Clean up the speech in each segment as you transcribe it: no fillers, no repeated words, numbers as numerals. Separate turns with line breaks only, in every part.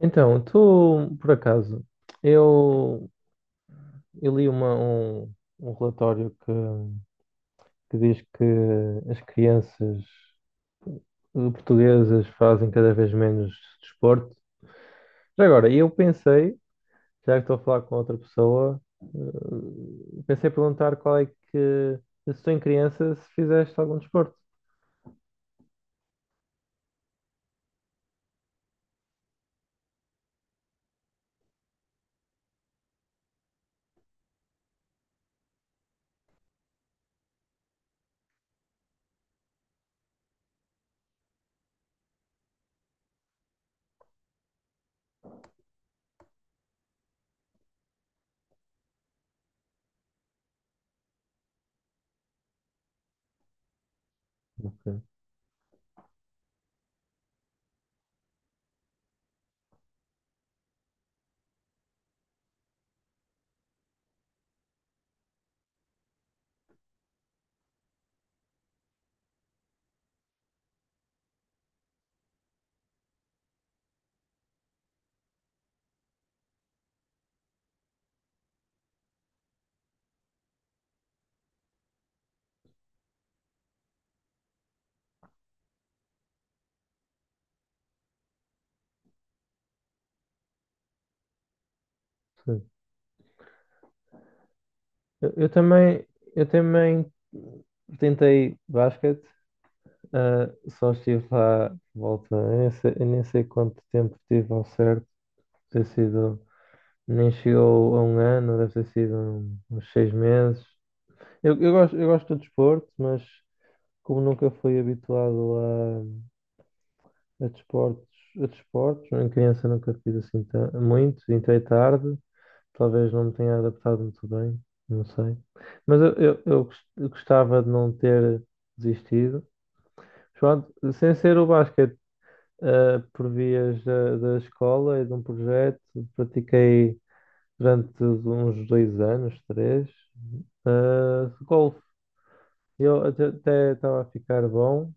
Então, tu, por acaso, eu, eu li um relatório que diz que as crianças portuguesas fazem cada vez menos desporto. Já agora, eu pensei, já que estou a falar com outra pessoa, pensei em perguntar se tu em criança, se fizeste algum desporto. Ok, sim. Eu, eu também, eu também tentei basquete. Ah, só estive lá, por volta, eu nem sei quanto tempo tive ao certo, deve ter sido, nem chegou a um ano, deve ter sido uns seis meses. Eu gosto de desporto, mas como nunca fui habituado a, a desportos, a desportos, em criança nunca fiz assim muito, entrei tarde, talvez não me tenha adaptado muito bem, não sei. Mas eu gostava de não ter desistido. Pronto, sem ser o basquete. Por vias da escola e de um projeto. Pratiquei durante uns dois anos, três, golfe. Eu até estava a ficar bom,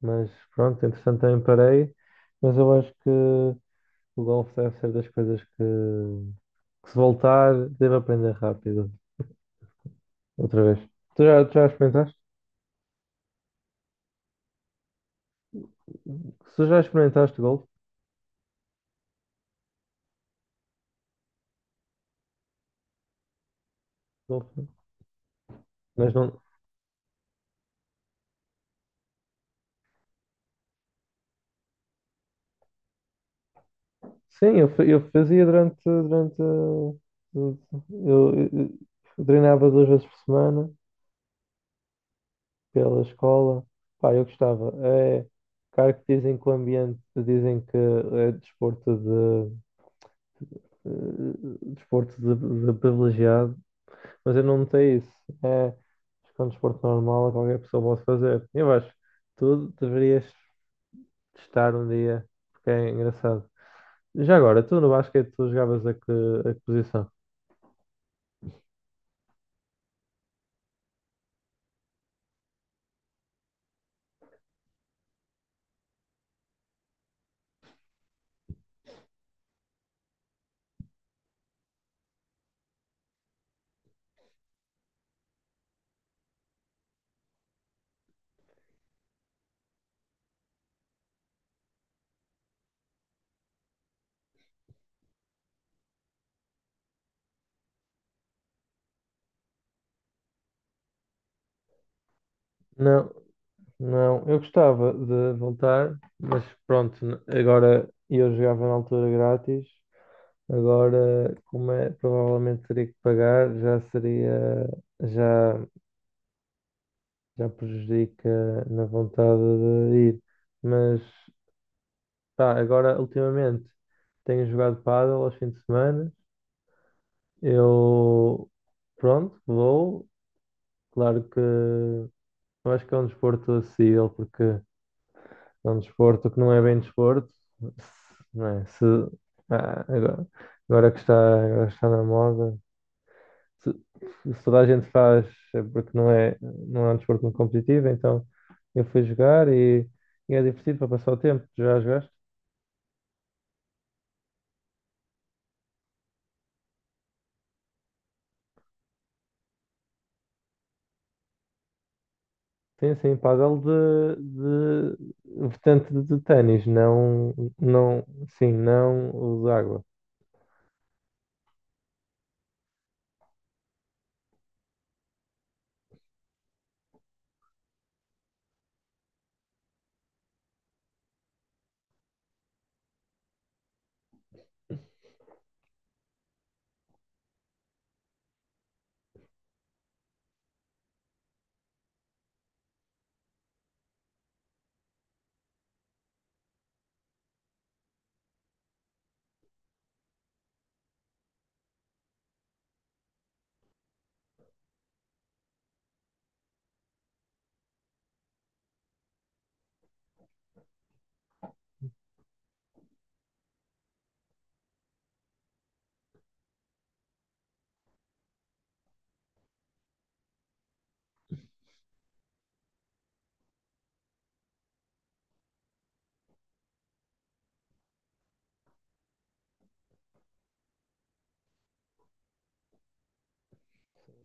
mas pronto, entretanto também parei. Mas eu acho que o golfe deve ser das coisas que se voltar, devo aprender rápido outra vez. Tu já experimentaste? Se tu já experimentaste golfe, golfe, mas não. Sim, eu, eu fazia durante, eu, eu- eu treinava duas vezes por semana pela escola. Pá, eu gostava. É, claro que dizem que o ambiente, dizem que é desporto de privilegiado, mas eu não notei isso. É, acho que é um desporto normal, qualquer pessoa pode fazer. Eu acho que tu deverias testar um dia, porque é engraçado. Já agora, tu no basquete, tu jogavas a que, posição? Não. Não, eu gostava de voltar, mas pronto, agora eu jogava na altura grátis, agora como é, provavelmente teria que pagar, já seria, já, já prejudica na vontade de ir. Mas pá, agora ultimamente tenho jogado pádel aos fins de semana. Eu pronto, vou, claro que eu acho que é um desporto acessível porque é um desporto que não é bem desporto, não é? Se, ah, agora que está, agora está na moda, se, se, toda a gente faz é porque não é um desporto muito competitivo, então eu fui jogar e é divertido para passar o tempo. Já jogaste? Sim, sim, pádel de vertente de ténis, não, não, sim, não o de água,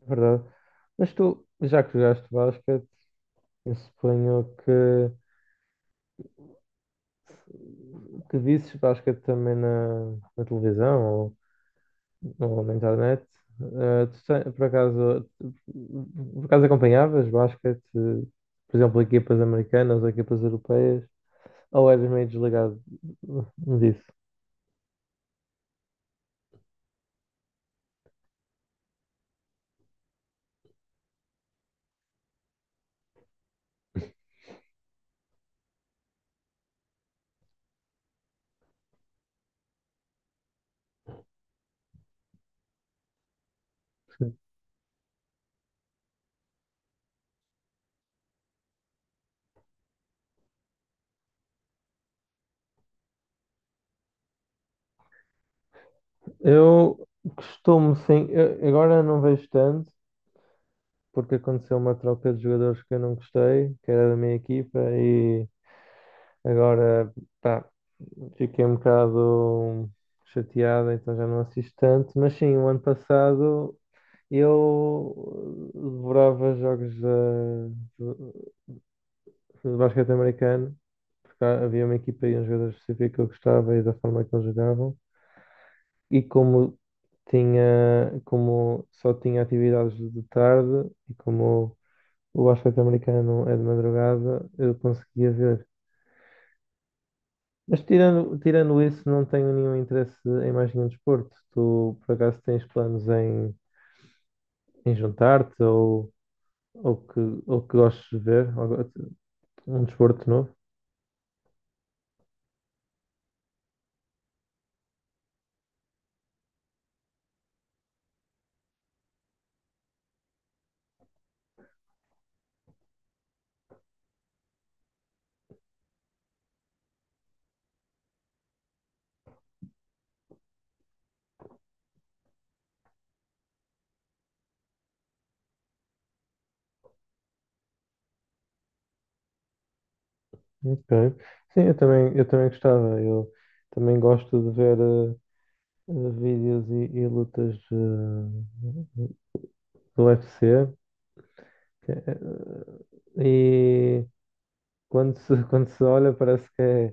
é verdade. Mas tu, já que jogaste basquete, eu suponho que o que visses basquete também na televisão ou na internet? Tu por acaso acompanhavas basquete, por exemplo, equipas americanas ou equipas europeias? Ou eras meio desligado disso? Eu costumo, sim, agora não vejo tanto, porque aconteceu uma troca de jogadores que eu não gostei, que era da minha equipa, e agora, pá, fiquei um bocado chateado, então já não assisto tanto, mas sim, o ano passado eu devorava jogos de basquete americano, porque havia uma equipa e um jogador específico que eu gostava e da forma que eles jogavam, e como tinha, como só tinha atividades de tarde e como o basquete americano é de madrugada, eu conseguia ver. Mas tirando isso, não tenho nenhum interesse em mais nenhum desporto. Tu, por acaso, tens planos em, juntar-te ou, que, ou que gostes de ver? Ou um desporto novo? Ok. Sim, eu também gostava. Eu também gosto de ver vídeos e lutas do UFC. Que é, e quando se, quando se olha parece que é,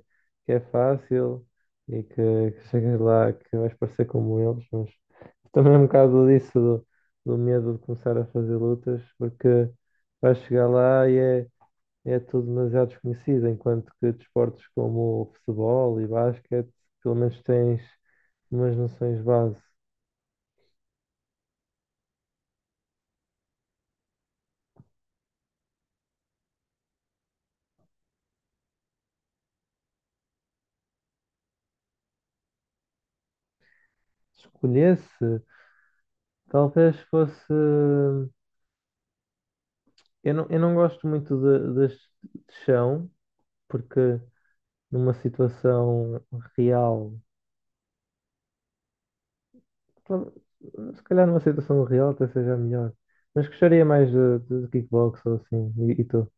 que é fácil e que chegas lá que vais parecer como eles, mas também é um bocado disso do medo de começar a fazer lutas, porque vais chegar lá e é, é tudo demasiado desconhecido, enquanto que desportos como o futebol e basquete, pelo menos tens umas noções base. Se escolhesse, talvez fosse. Eu não gosto muito de, de chão, porque numa situação real, tal- se calhar numa situação real até seja melhor, mas gostaria mais de, kickbox ou assim, e tu?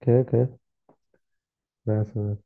Ok, ok, massa,